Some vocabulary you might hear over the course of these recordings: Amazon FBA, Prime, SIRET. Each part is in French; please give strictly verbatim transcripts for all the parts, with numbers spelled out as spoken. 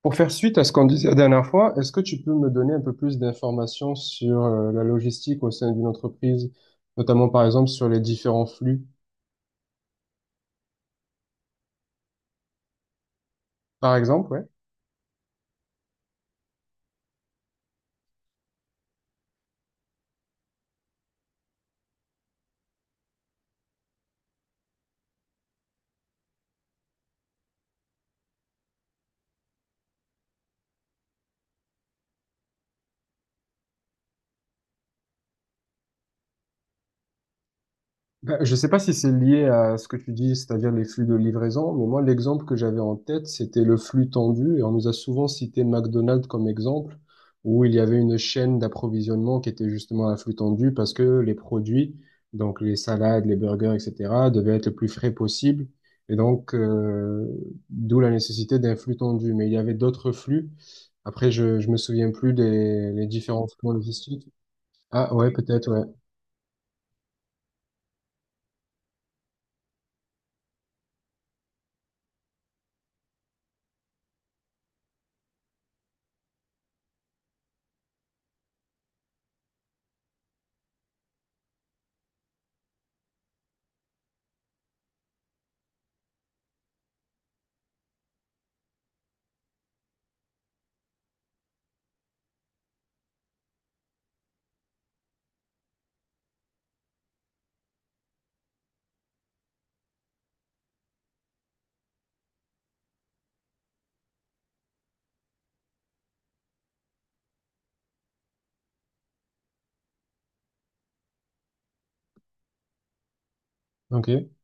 Pour faire suite à ce qu'on disait la dernière fois, est-ce que tu peux me donner un peu plus d'informations sur euh, la logistique au sein d'une entreprise, notamment par exemple sur les différents flux, par exemple, ouais. Ben, je ne sais pas si c'est lié à ce que tu dis, c'est-à-dire les flux de livraison, mais moi, l'exemple que j'avais en tête, c'était le flux tendu, et on nous a souvent cité McDonald's comme exemple, où il y avait une chaîne d'approvisionnement qui était justement à flux tendu, parce que les produits, donc les salades, les burgers, et cetera, devaient être le plus frais possible, et donc euh, d'où la nécessité d'un flux tendu. Mais il y avait d'autres flux, après je ne me souviens plus des les différents flux logistiques. Ah ouais, peut-être, ouais. Ok.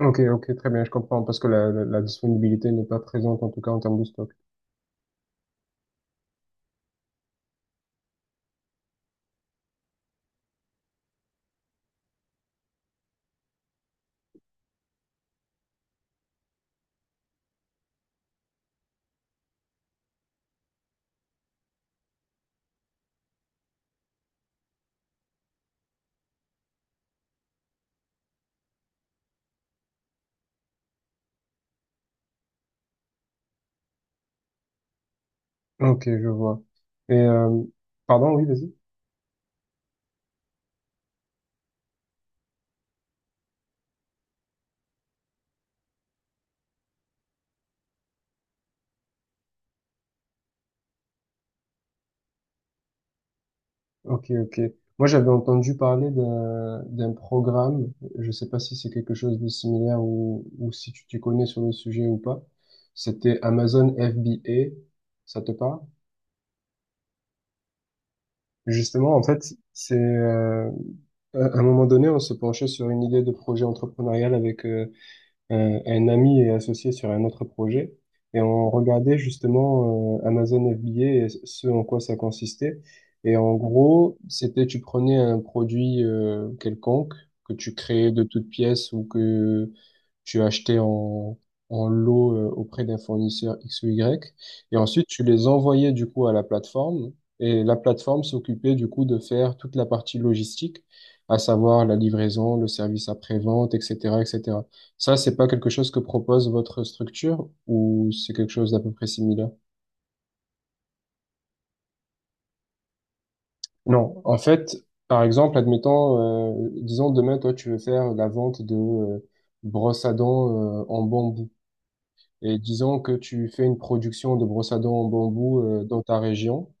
Ok, ok, très bien, je comprends, parce que la, la, la disponibilité n'est pas présente, en tout cas en termes de stock. Ok, je vois. Et, euh, pardon, oui, vas-y. Ok, ok. Moi, j'avais entendu parler d'un, d'un programme, je sais pas si c'est quelque chose de similaire ou, ou si tu t'y connais sur le sujet ou pas. C'était Amazon F B A, ça te parle? Justement, en fait, c'est euh, à à un moment donné, on se penchait sur une idée de projet entrepreneurial avec euh, un, un ami est associé sur un autre projet. Et on regardait justement euh, Amazon F B A et ce en quoi ça consistait. Et en gros, c'était tu prenais un produit euh, quelconque que tu créais de toutes pièces ou que tu achetais en, en lot euh, auprès d'un fournisseur X ou Y. Et ensuite, tu les envoyais du coup à la plateforme. Et la plateforme s'occupait du coup de faire toute la partie logistique, à savoir la livraison, le service après-vente, et cetera, et cetera. Ça, c'est pas quelque chose que propose votre structure ou c'est quelque chose d'à peu près similaire? Non. En fait, par exemple, admettons, euh, disons demain, toi, tu veux faire la vente de euh, brosses à dents euh, en bambou. Et disons que tu fais une production de brosses à dents en bambou euh, dans ta région.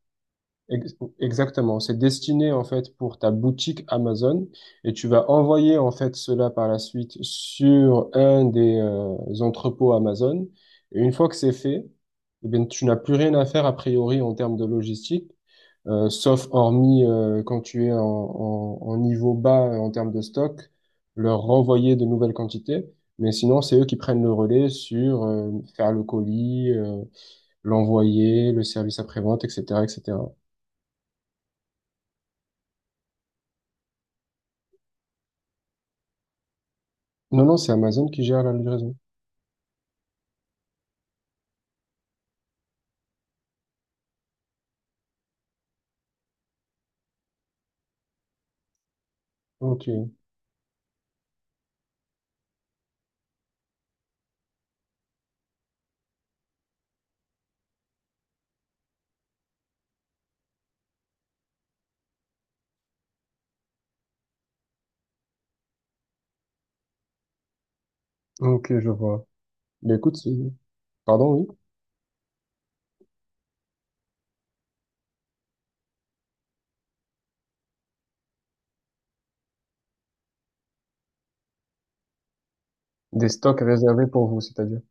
Ex- Exactement, c'est destiné en fait pour ta boutique Amazon et tu vas envoyer en fait cela par la suite sur un des euh, entrepôts Amazon. Et une fois que c'est fait, eh bien, tu n'as plus rien à faire a priori en termes de logistique, euh, sauf hormis euh, quand tu es en, en- en niveau bas euh, en termes de stock, leur renvoyer de nouvelles quantités. Mais sinon, c'est eux qui prennent le relais sur euh, faire le colis, euh, l'envoyer, le service après-vente, et cetera, et cetera. Non, non, c'est Amazon qui gère la livraison. Ok, ok, je vois. Mais écoute, c'est- pardon, oui. Des stocks réservés pour vous, c'est-à-dire.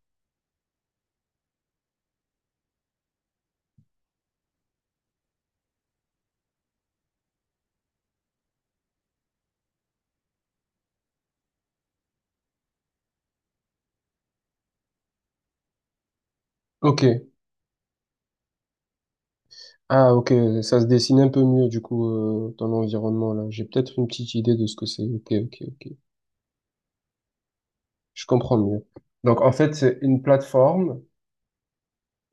Ok. Ah, ok, ça se dessine un peu mieux, du coup, euh, dans l'environnement, là. J'ai peut-être une petite idée de ce que c'est. Ok, ok, ok. Je comprends mieux. Donc, en fait, c'est une plateforme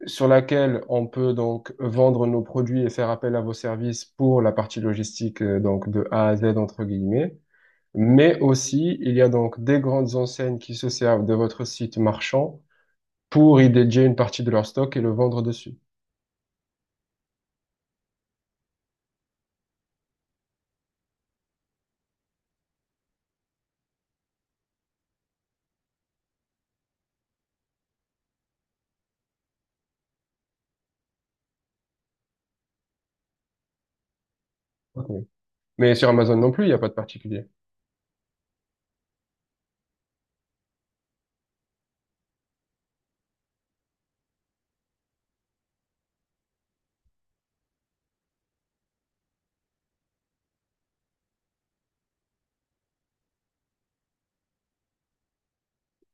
sur laquelle on peut donc vendre nos produits et faire appel à vos services pour la partie logistique, euh, donc de A à Z, entre guillemets. Mais aussi, il y a donc des grandes enseignes qui se servent de votre site marchand pour y dédier une partie de leur stock et le vendre dessus. Ok. Mais sur Amazon non plus, il n'y a pas de particulier.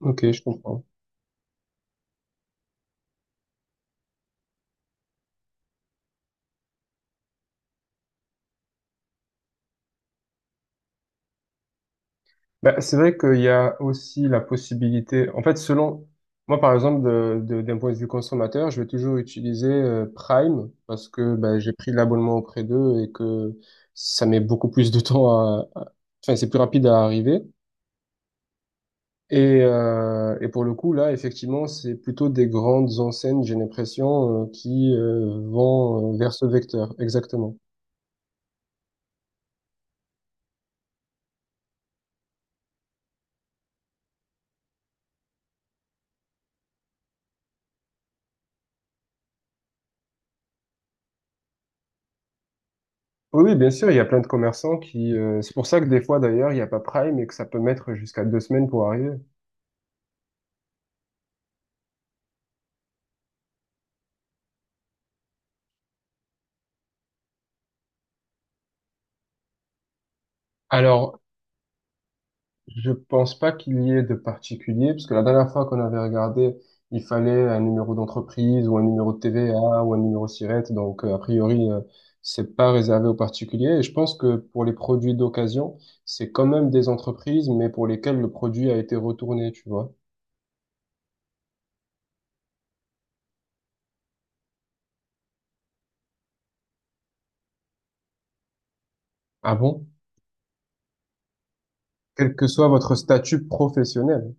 Ok, je comprends. Bah, c'est vrai qu'il y a aussi la possibilité, en fait, selon, moi par exemple, de, de- d'un point de vue consommateur, je vais toujours utiliser euh, Prime parce que bah, j'ai pris l'abonnement auprès d'eux et que ça met beaucoup plus de temps à, à- enfin, c'est plus rapide à arriver. Et, euh, et pour le coup, là, effectivement, c'est plutôt des grandes enseignes, j'ai l'impression, euh, qui euh, vont euh, vers ce vecteur, exactement. Oui, oui, bien sûr, il y a plein de commerçants qui... euh, c'est pour ça que des fois, d'ailleurs, il n'y a pas Prime et que ça peut mettre jusqu'à deux semaines pour arriver. Alors, je pense pas qu'il y ait de particulier, parce que la dernière fois qu'on avait regardé, il fallait un numéro d'entreprise ou un numéro de T V A ou un numéro SIRET, donc euh, a priori, euh, c'est pas réservé aux particuliers. Et je pense que pour les produits d'occasion, c'est quand même des entreprises, mais pour lesquelles le produit a été retourné, tu vois. Ah bon? Quel que soit votre statut professionnel.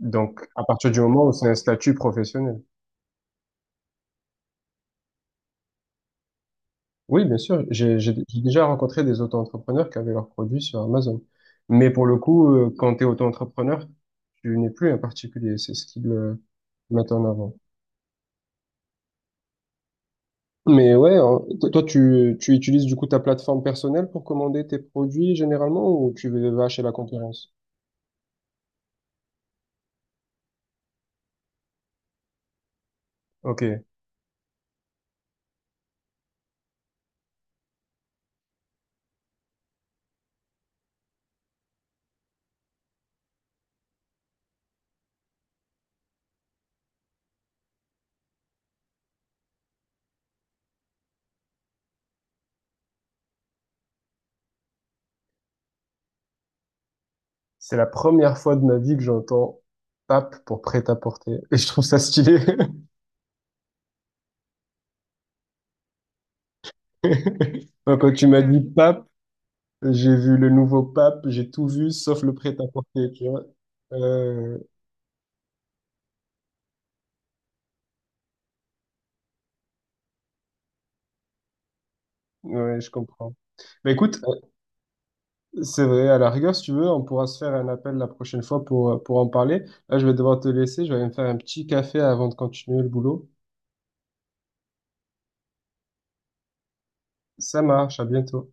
Donc, à partir du moment où c'est un statut professionnel. Oui, bien sûr, j'ai j'ai- j'ai déjà rencontré des auto-entrepreneurs qui avaient leurs produits sur Amazon. Mais pour le coup, euh, quand tu es auto-entrepreneur, tu n'es plus un particulier, c'est ce qu'ils euh, mettent en avant. Mais ouais, hein, to- toi, tu, tu utilises du coup ta plateforme personnelle pour commander tes produits généralement ou tu vas chez la concurrence? Ok, c'est la première fois de ma vie que j'entends pap pour prêt-à-porter. Et je trouve ça stylé. Quand tu m'as dit pap, j'ai vu le nouveau pape, j'ai tout vu sauf le prêt-à-porter, tu vois. Euh, ouais, je comprends. Mais écoute, euh, c'est vrai, à la rigueur, si tu veux, on pourra se faire un appel la prochaine fois pour, euh, pour en parler. Là, je vais devoir te laisser, je vais aller me faire un petit café avant de continuer le boulot. Ça marche, à bientôt.